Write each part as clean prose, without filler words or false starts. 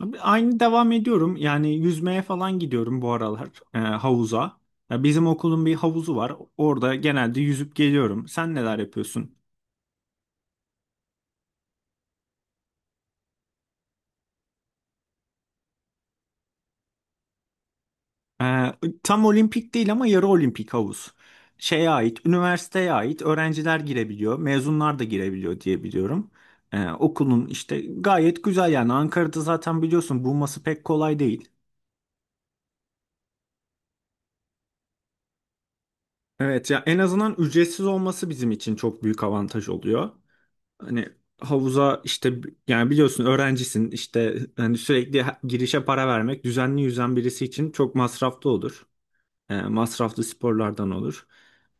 Abi, aynı devam ediyorum. Yani yüzmeye falan gidiyorum bu aralar havuza. Ya bizim okulun bir havuzu var. Orada genelde yüzüp geliyorum. Sen neler yapıyorsun? E, tam olimpik değil ama yarı olimpik havuz. Şeye ait, üniversiteye ait öğrenciler girebiliyor, mezunlar da girebiliyor diye biliyorum. Okulun işte gayet güzel yani Ankara'da zaten biliyorsun bulması pek kolay değil. Evet ya, en azından ücretsiz olması bizim için çok büyük avantaj oluyor. Hani havuza işte yani biliyorsun öğrencisin işte hani sürekli girişe para vermek düzenli yüzen birisi için çok masraflı olur. Masraflı sporlardan olur.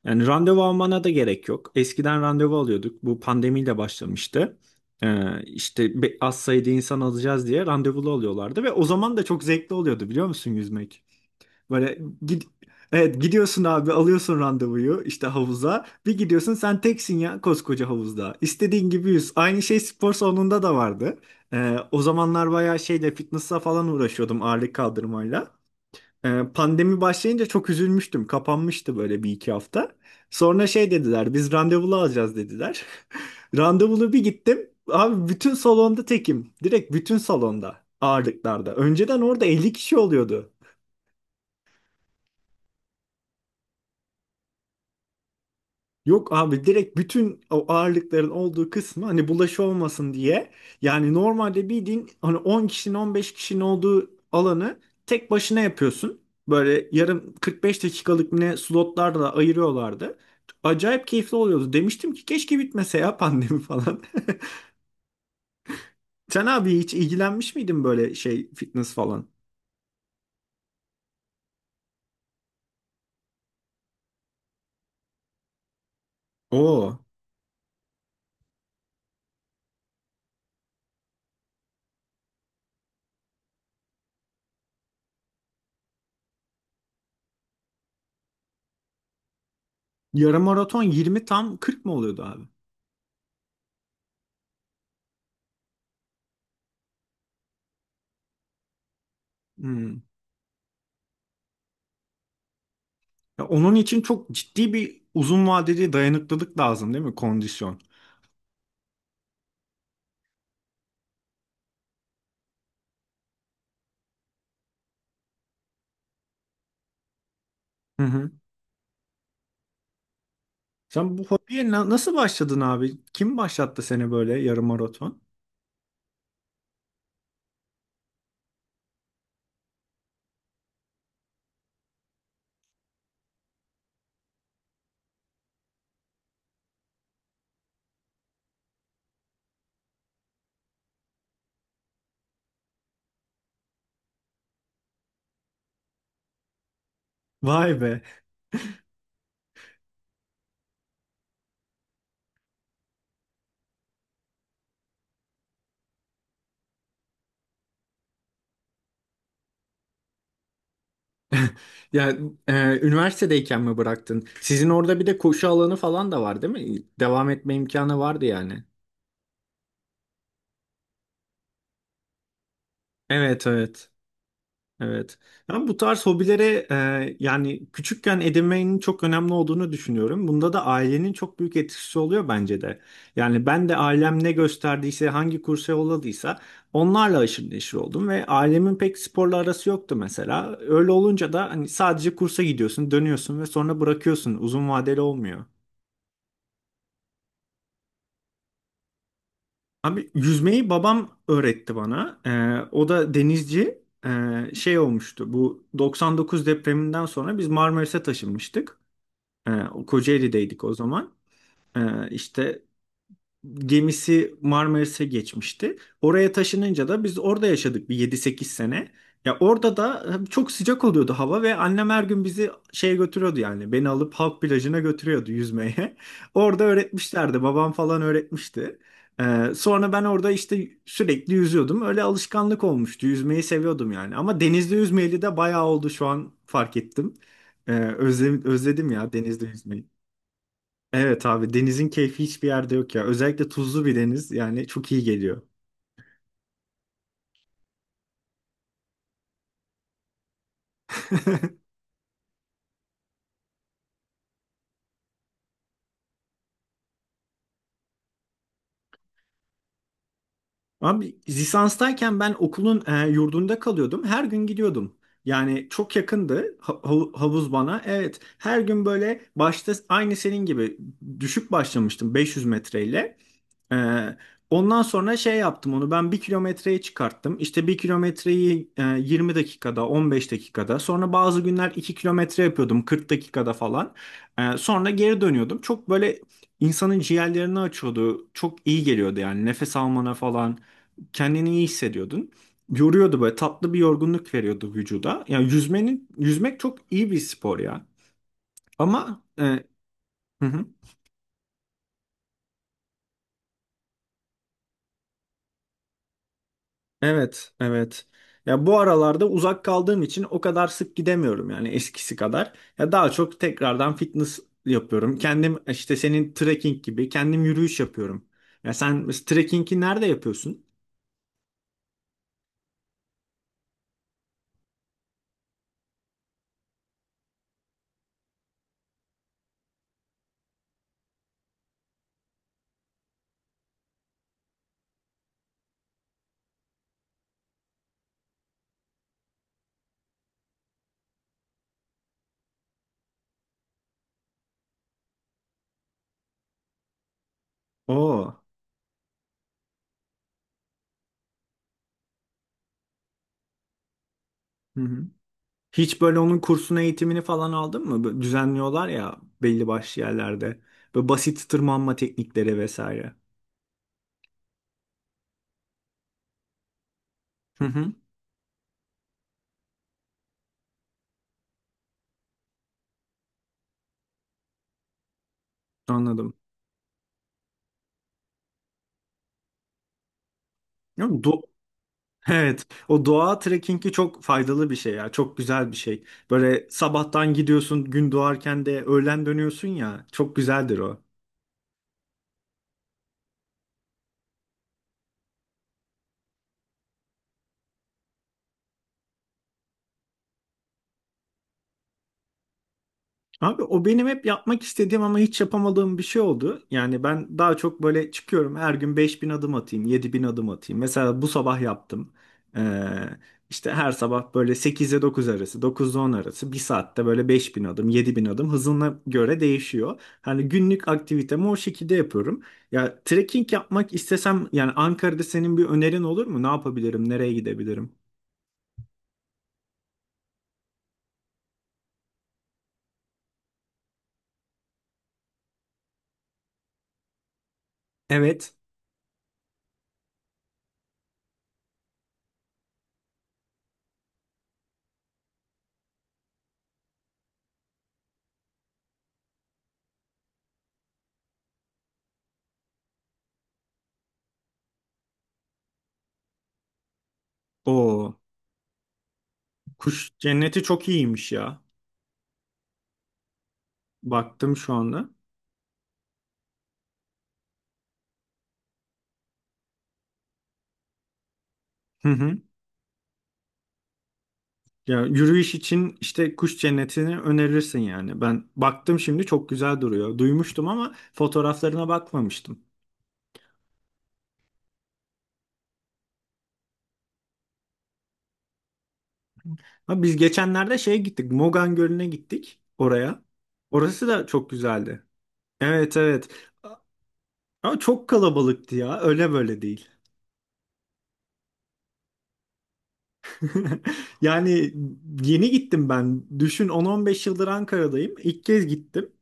Yani randevu almana da gerek yok. Eskiden randevu alıyorduk. Bu pandemiyle başlamıştı. E, işte az sayıda insan alacağız diye randevulu alıyorlardı ve o zaman da çok zevkli oluyordu biliyor musun yüzmek? Böyle gid Evet, gidiyorsun abi, alıyorsun randevuyu işte havuza. Bir gidiyorsun, sen teksin ya koskoca havuzda. İstediğin gibi yüz. Aynı şey spor salonunda da vardı. O zamanlar bayağı şeyle fitness'a falan uğraşıyordum, ağırlık kaldırmayla. Pandemi başlayınca çok üzülmüştüm. Kapanmıştı böyle bir iki hafta. Sonra şey dediler, biz randevulu alacağız dediler. Randevulu bir gittim. Abi bütün salonda tekim. Direkt bütün salonda, ağırlıklarda. Önceden orada 50 kişi oluyordu. Yok abi, direkt bütün o ağırlıkların olduğu kısmı, hani bulaşı olmasın diye. Yani normalde bildiğin hani 10 kişinin, 15 kişinin olduğu alanı tek başına yapıyorsun. Böyle yarım, 45 dakikalık ne slotlarla ayırıyorlardı. Acayip keyifli oluyordu. Demiştim ki keşke bitmese ya pandemi falan. Sen abi hiç ilgilenmiş miydin böyle şey fitness falan? Oo. Yarım maraton 20, tam 40 mı oluyordu abi? Hmm. Ya onun için çok ciddi bir uzun vadeli dayanıklılık lazım değil mi? Kondisyon. Hı hı. Sen bu hobiye nasıl başladın abi? Kim başlattı seni böyle yarım maraton? Vay be. Ya üniversitedeyken mi bıraktın? Sizin orada bir de koşu alanı falan da var değil mi? Devam etme imkanı vardı yani. Evet, evet. Evet. Ben bu tarz hobilere yani küçükken edinmenin çok önemli olduğunu düşünüyorum. Bunda da ailenin çok büyük etkisi oluyor bence de. Yani ben de ailem ne gösterdiyse, hangi kursa yolladıysa onlarla aşırı neşir oldum ve ailemin pek sporla arası yoktu mesela. Öyle olunca da hani sadece kursa gidiyorsun, dönüyorsun ve sonra bırakıyorsun. Uzun vadeli olmuyor. Abi yüzmeyi babam öğretti bana. O da denizci. Şey olmuştu. Bu 99 depreminden sonra biz Marmaris'e taşınmıştık. Ee, Kocaeli'deydik o zaman. İşte gemisi Marmaris'e geçmişti. Oraya taşınınca da biz orada yaşadık bir yedi sekiz sene. Ya orada da çok sıcak oluyordu hava ve annem her gün bizi şeye götürüyordu yani. Beni alıp halk plajına götürüyordu yüzmeye. Orada öğretmişlerdi. Babam falan öğretmişti. Sonra ben orada işte sürekli yüzüyordum. Öyle alışkanlık olmuştu. Yüzmeyi seviyordum yani. Ama denizde yüzmeyeli de bayağı oldu, şu an fark ettim. Ee, özledim ya denizde yüzmeyi. Evet abi, denizin keyfi hiçbir yerde yok ya. Özellikle tuzlu bir deniz yani çok iyi geliyor. Abi lisanstayken ben okulun yurdunda kalıyordum. Her gün gidiyordum. Yani çok yakındı havuz bana. Evet, her gün böyle başta aynı senin gibi düşük başlamıştım, 500 metreyle. Ee, ondan sonra şey yaptım, onu ben 1 kilometreye çıkarttım. İşte 1 kilometreyi 20 dakikada, 15 dakikada, sonra bazı günler 2 kilometre yapıyordum 40 dakikada falan. Sonra geri dönüyordum. Çok böyle insanın ciğerlerini açıyordu. Çok iyi geliyordu yani, nefes almana falan kendini iyi hissediyordun. Yoruyordu, böyle tatlı bir yorgunluk veriyordu vücuda. Yani yüzmenin, yüzmek çok iyi bir spor ya. Ama Evet, evet. Ya bu aralarda uzak kaldığım için o kadar sık gidemiyorum yani, eskisi kadar. Ya daha çok tekrardan fitness yapıyorum. Kendim işte senin trekking gibi kendim yürüyüş yapıyorum. Ya sen trekkingi nerede yapıyorsun? Oo. Hı hı. Hiç böyle onun kursunu, eğitimini falan aldın mı? Böyle düzenliyorlar ya belli başlı yerlerde. Böyle basit tırmanma teknikleri vesaire. Hı hı. Anladım. Ya, evet, o doğa trekkingi çok faydalı bir şey ya, çok güzel bir şey. Böyle sabahtan gidiyorsun, gün doğarken de öğlen dönüyorsun ya, çok güzeldir o. Abi o benim hep yapmak istediğim ama hiç yapamadığım bir şey oldu. Yani ben daha çok böyle çıkıyorum, her gün 5.000 adım atayım, 7.000 adım atayım. Mesela bu sabah yaptım. Ee, işte her sabah böyle 8'e 9 arası, 9'da 10 arası bir saatte böyle 5.000 adım, 7.000 adım, hızına göre değişiyor. Hani günlük aktivitemi o şekilde yapıyorum. Ya trekking yapmak istesem yani Ankara'da senin bir önerin olur mu? Ne yapabilirim? Nereye gidebilirim? Evet. O kuş cenneti çok iyiymiş ya. Baktım şu anda. Hı hı. Ya yürüyüş için işte kuş cennetini önerirsin yani. Ben baktım şimdi, çok güzel duruyor. Duymuştum ama fotoğraflarına bakmamıştım. Ha, biz geçenlerde şeye gittik, Mogan Gölü'ne gittik oraya. Orası da çok güzeldi. Evet, evet. Ama çok kalabalıktı ya. Öyle böyle değil. Yani yeni gittim ben. Düşün, 10-15 yıldır Ankara'dayım, İlk kez gittim.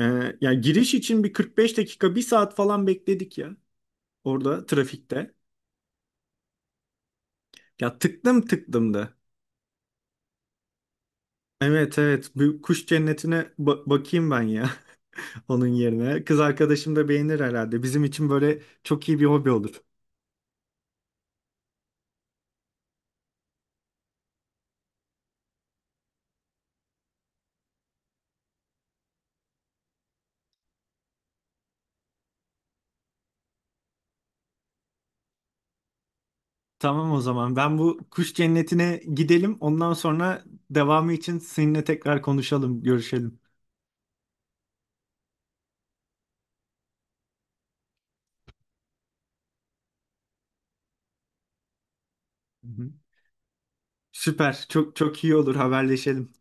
Ee, yani giriş için bir 45 dakika, bir saat falan bekledik ya. Orada trafikte. Ya tıklım tıklım da. Evet, evet, bu kuş cennetine bakayım ben ya onun yerine. Kız arkadaşım da beğenir herhalde. Bizim için böyle çok iyi bir hobi olur. Tamam, o zaman ben bu kuş cennetine gidelim. Ondan sonra devamı için seninle tekrar konuşalım, görüşelim. Hı hı. Süper. Çok çok iyi olur, haberleşelim.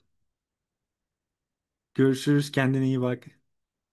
Görüşürüz. Kendine iyi bak.